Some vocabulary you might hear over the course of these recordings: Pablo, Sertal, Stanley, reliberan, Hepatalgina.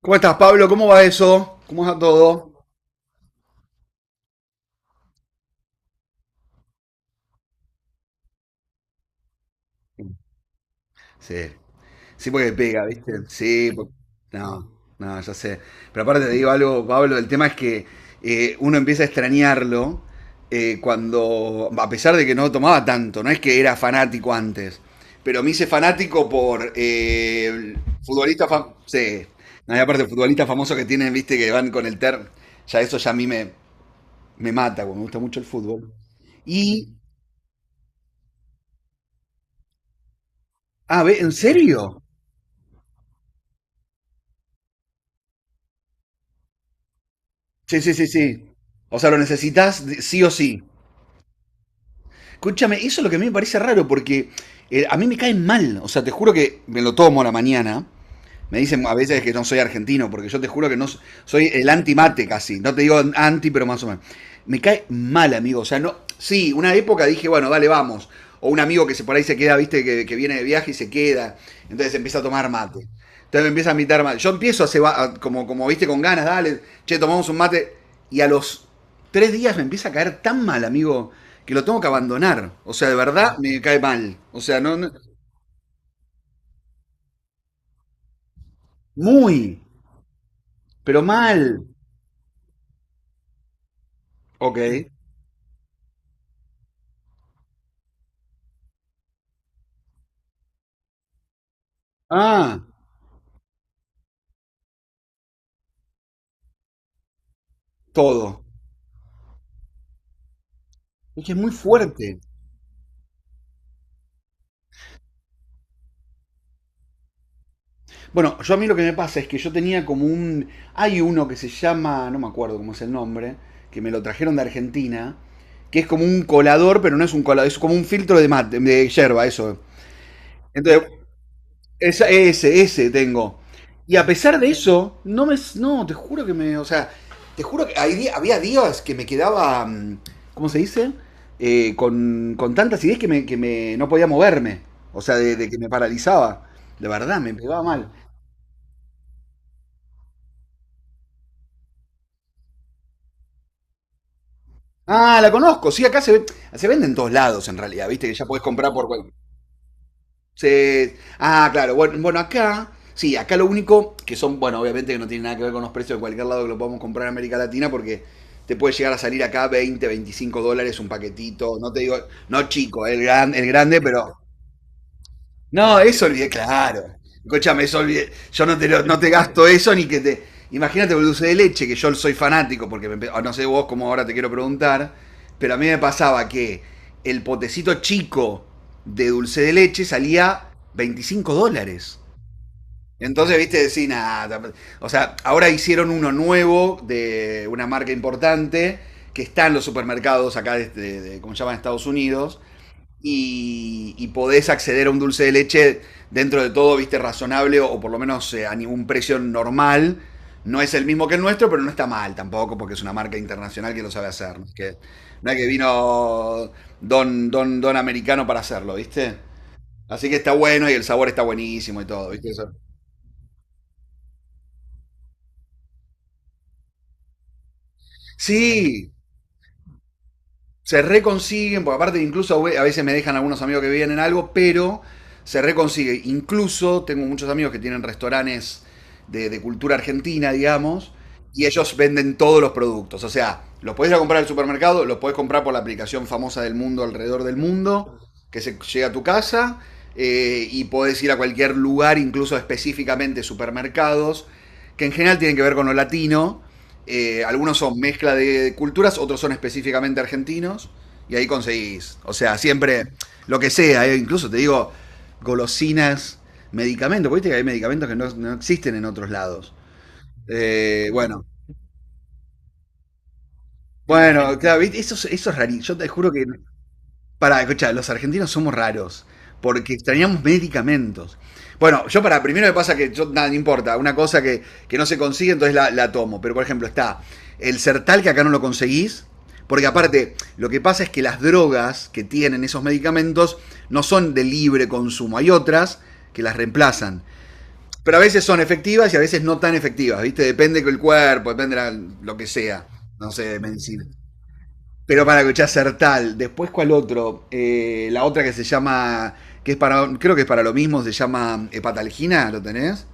¿Cómo estás, Pablo? ¿Cómo va eso? ¿Cómo va todo? Sí, sí, porque pega, ¿viste? No, no, ya sé. Pero aparte te digo algo, Pablo, el tema es que uno empieza a extrañarlo cuando, a pesar de que no tomaba tanto, no es que era fanático antes, pero me hice fanático por el futbolista, sí, no, y aparte futbolistas famosos que tienen, ¿viste? Que van con el ter, ya eso ya a mí me mata, porque me gusta mucho el fútbol. Y, ah, ve, ¿en serio? Sí, sí, sí, sí. O sea, lo necesitas sí o sí. Escúchame, eso es lo que a mí me parece raro porque a mí me caen mal. O sea, te juro que me lo tomo a la mañana. Me dicen a veces que no soy argentino, porque yo te juro que no soy el anti-mate casi. No te digo anti, pero más o menos. Me cae mal, amigo. O sea, no. Sí, una época dije, bueno, dale, vamos. O un amigo que se por ahí se queda, viste, que viene de viaje y se queda. Entonces empieza a tomar mate. Entonces me empieza a invitar mate. Yo empiezo a, como, viste, con ganas, dale, che, tomamos un mate. Y a los 3 días me empieza a caer tan mal, amigo, que lo tengo que abandonar. O sea, de verdad me cae mal. O sea, no, muy, pero mal. Ok. Ah, todo. Es que es muy fuerte. Bueno, yo a mí lo que me pasa es que yo tenía como un... Hay uno que se llama, no me acuerdo cómo es el nombre, que me lo trajeron de Argentina, que es como un colador, pero no es un colador, es como un filtro de mate, de yerba, eso. Entonces, ese tengo. Y a pesar de eso, no me. No, te juro que me. O sea, te juro que hay había días que me quedaba. ¿Cómo se dice? Con, tantas ideas que no podía moverme. O sea, de que me paralizaba. De verdad, me pegaba mal. Ah, la conozco. Sí, acá se vende en todos lados, en realidad. Viste que ya podés comprar por ah, claro. Bueno, bueno, acá, sí, acá lo único que son, bueno, obviamente que no tiene nada que ver con los precios de cualquier lado que lo podamos comprar en América Latina, porque te puede llegar a salir acá 20 25 dólares un paquetito. No te digo, no chico, el grande, pero no, eso olvidé, claro. Escúchame, eso olvidé. Yo no te, no te gasto eso ni que te. Imagínate el dulce de leche, que yo soy fanático, porque me ah, no sé vos cómo ahora te quiero preguntar, pero a mí me pasaba que el potecito chico de dulce de leche salía 25 dólares. Entonces, viste, decís, nada. O sea, ahora hicieron uno nuevo de una marca importante que está en los supermercados acá, ¿cómo se llama? En Estados Unidos, y, podés acceder a un dulce de leche dentro de todo, viste, razonable, o, por lo menos a ningún precio normal. No es el mismo que el nuestro, pero no está mal tampoco, porque es una marca internacional que lo sabe hacer, ¿no? Que no es que vino don, don, don americano para hacerlo, ¿viste? Así que está bueno y el sabor está buenísimo y todo, ¿viste? Sí, se reconsiguen, porque aparte incluso a veces me dejan algunos amigos que vienen algo, pero se reconsigue. Incluso tengo muchos amigos que tienen restaurantes de cultura argentina, digamos, y ellos venden todos los productos. O sea, los podés ir a comprar al supermercado, los podés comprar por la aplicación famosa del mundo alrededor del mundo, que se llega a tu casa, y podés ir a cualquier lugar, incluso específicamente supermercados, que en general tienen que ver con lo latino. Algunos son mezcla de culturas, otros son específicamente argentinos. Y ahí conseguís. O sea, siempre lo que sea. Incluso te digo golosinas, medicamentos. Porque viste que hay medicamentos que no existen en otros lados. Bueno. Bueno, claro, ¿viste? Eso es rarísimo. Yo te juro que para, escucha, los argentinos somos raros, porque extrañamos medicamentos. Bueno, yo para, primero me pasa que yo, nada, no importa, una cosa que, no se consigue, entonces la tomo. Pero, por ejemplo, está el Sertal, que acá no lo conseguís, porque aparte, lo que pasa es que las drogas que tienen esos medicamentos no son de libre consumo, hay otras que las reemplazan. Pero a veces son efectivas y a veces no tan efectivas, ¿viste? Depende del cuerpo, depende de lo que sea, no sé, de medicina. Pero para escuchar Sertal, después cuál otro, la otra que se llama, que es para, creo que es para lo mismo, se llama Hepatalgina, ¿lo tenés?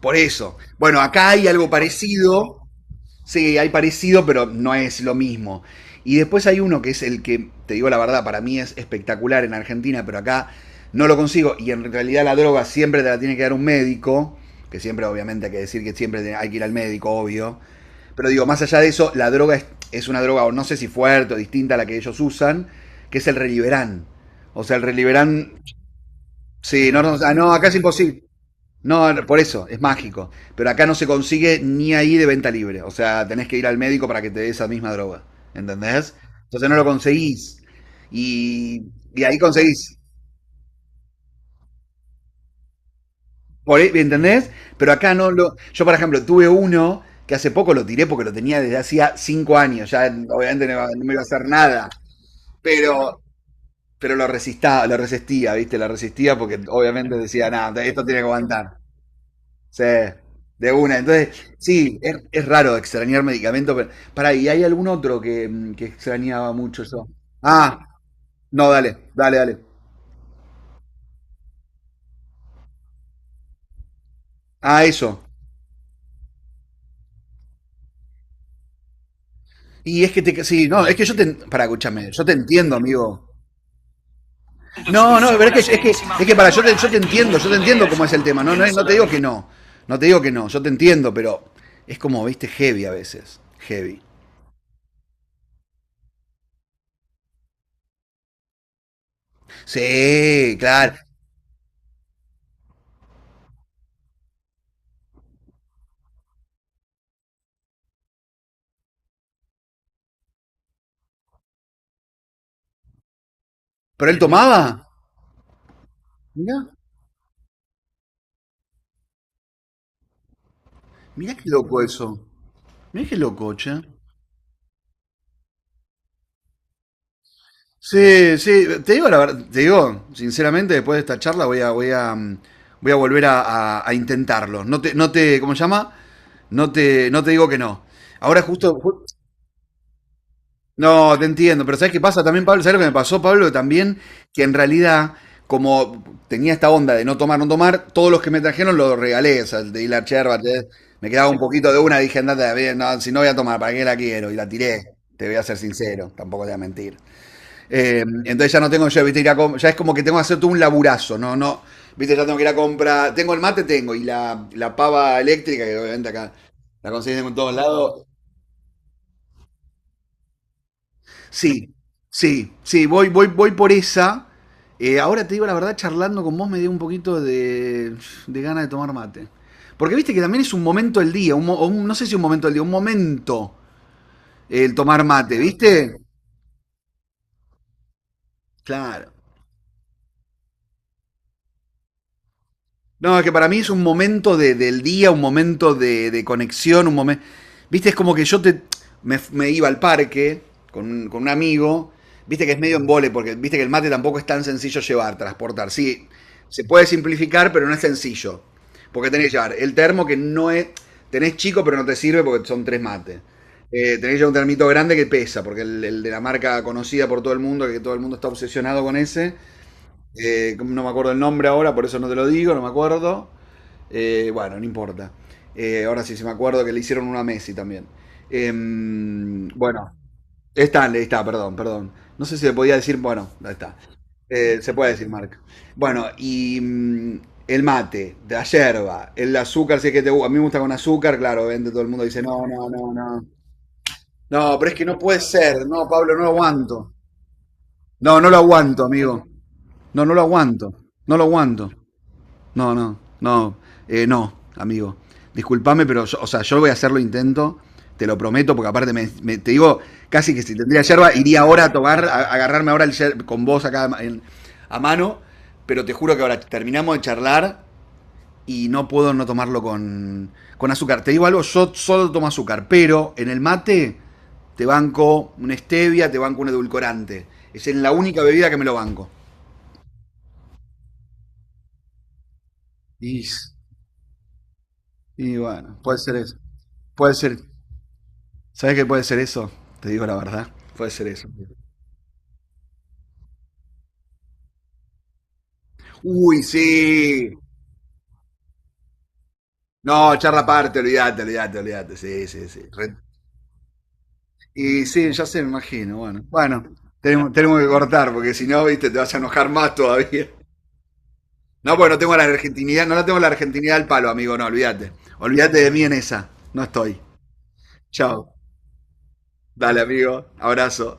Por eso. Bueno, acá hay algo parecido, sí, hay parecido, pero no es lo mismo. Y después hay uno que es el que, te digo la verdad, para mí es espectacular en Argentina, pero acá no lo consigo. Y en realidad la droga siempre te la tiene que dar un médico, que siempre obviamente hay que decir que siempre hay que ir al médico, obvio. Pero digo, más allá de eso, la droga es una droga, o no sé si fuerte o distinta a la que ellos usan, que es el reliberán. O sea, el reliberán. Sí, no, no, ah, no, acá es imposible. No, por eso, es mágico. Pero acá no se consigue ni ahí de venta libre. O sea, tenés que ir al médico para que te dé esa misma droga. ¿Entendés? Entonces no lo conseguís. Y, ahí conseguís. Por, ¿entendés? Pero acá no lo. Yo, por ejemplo, tuve uno que hace poco lo tiré porque lo tenía desde hacía 5 años. Ya obviamente no me iba a hacer nada. pero, pero lo resistía, ¿viste? Lo resistía porque obviamente decía, nada, esto tiene que aguantar. Sí, de una. Entonces, sí, es raro extrañar medicamento, pero. Pará, ¿y hay algún otro que, que extrañaba mucho yo? Ah, no, dale, dale, dale. Ah, eso. Y es que te. Sí, no, es que yo te. Para, escúchame, yo te entiendo, amigo. No, no, pero es que para, yo te entiendo cómo es el tema. No, no, no te digo que no. No te digo que no, yo te entiendo, pero es como, viste, heavy a veces. Heavy. Sí, claro. Pero él tomaba. Mirá, mirá qué loco eso. Mirá qué loco, che. Sí, sí, te digo la verdad, te digo, sinceramente, después de esta charla voy a volver a, a intentarlo. No te, no te, ¿cómo se llama? No te, no te digo que no. Ahora justo, no, te entiendo, pero ¿sabes qué pasa también, Pablo? ¿Sabes lo que me pasó, Pablo? También que en realidad, como tenía esta onda de no tomar, no tomar, todos los que me trajeron los regalé, o sea, el de hilar yerba, me quedaba un poquito de una, dije, andate, a ver, no, si no voy a tomar, ¿para qué la quiero? Y la tiré, te voy a ser sincero, tampoco te voy a mentir. Entonces ya no tengo yo, viste, ya es como que tengo que hacer todo un laburazo, no, no, viste, ya tengo que ir a comprar, tengo el mate, tengo, y la pava eléctrica, que obviamente acá la conseguís en todos lados. Sí, sí, sí, voy, voy, voy por esa. Ahora te digo la verdad, charlando con vos me dio un poquito de ganas de tomar mate. Porque viste que también es un momento del día, un, mo- o un- no sé si un momento del día, un momento el tomar mate, ¿viste? Claro. No, es que para mí es un momento del día, un momento de conexión, un momento... Viste, es como que me iba al parque con con un amigo, viste que es medio en porque viste que el mate tampoco es tan sencillo llevar, transportar. Sí, se puede simplificar, pero no es sencillo. Porque tenés que llevar el termo que no es... Tenés chico, pero no te sirve porque son tres mates. Tenés que llevar un termito grande que pesa, porque el de la marca conocida por todo el mundo, que todo el mundo está obsesionado con ese, no me acuerdo el nombre ahora, por eso no te lo digo, no me acuerdo. Bueno, no importa. Ahora sí, se me acuerdo que le hicieron una a Messi también. Bueno, Stanley, está, perdón, perdón. No sé si le podía decir, bueno, ahí está. Se puede decir marca. Bueno, y el mate, de la yerba, el azúcar, si es que te gusta. A mí me gusta con azúcar, claro, vende todo el mundo dice, no, no, no, no. No, pero es que no puede ser, no, Pablo, no lo aguanto. No, no lo aguanto, amigo. No, no lo aguanto. No lo aguanto. No, no, no, no, amigo. Disculpame, pero yo, o sea, yo voy a hacerlo intento, te lo prometo, porque aparte me, te digo, casi que si tendría yerba, iría ahora a tomar, a agarrarme ahora el con vos acá en- a mano, pero te juro que ahora terminamos de charlar y no puedo no tomarlo con, azúcar. Te digo algo, yo solo tomo azúcar, pero en el mate te banco una stevia, te banco un edulcorante. Es en la única bebida que me lo banco. Y, bueno, puede ser eso. Puede ser. ¿Sabes qué puede ser eso? Te digo la verdad. Puede ser eso. Uy, sí. No, charla aparte, olvídate, olvídate, olvídate. Sí, sí, sí. Re- Y sí, ya se me imagino. Bueno, bueno, tenemos que cortar porque si no, viste, te vas a enojar más todavía. No, porque no tengo la argentinidad, no la tengo la argentinidad al palo, amigo, no, olvídate. Olvídate de mí en esa. No estoy. Chao. Dale, amigo. Abrazo.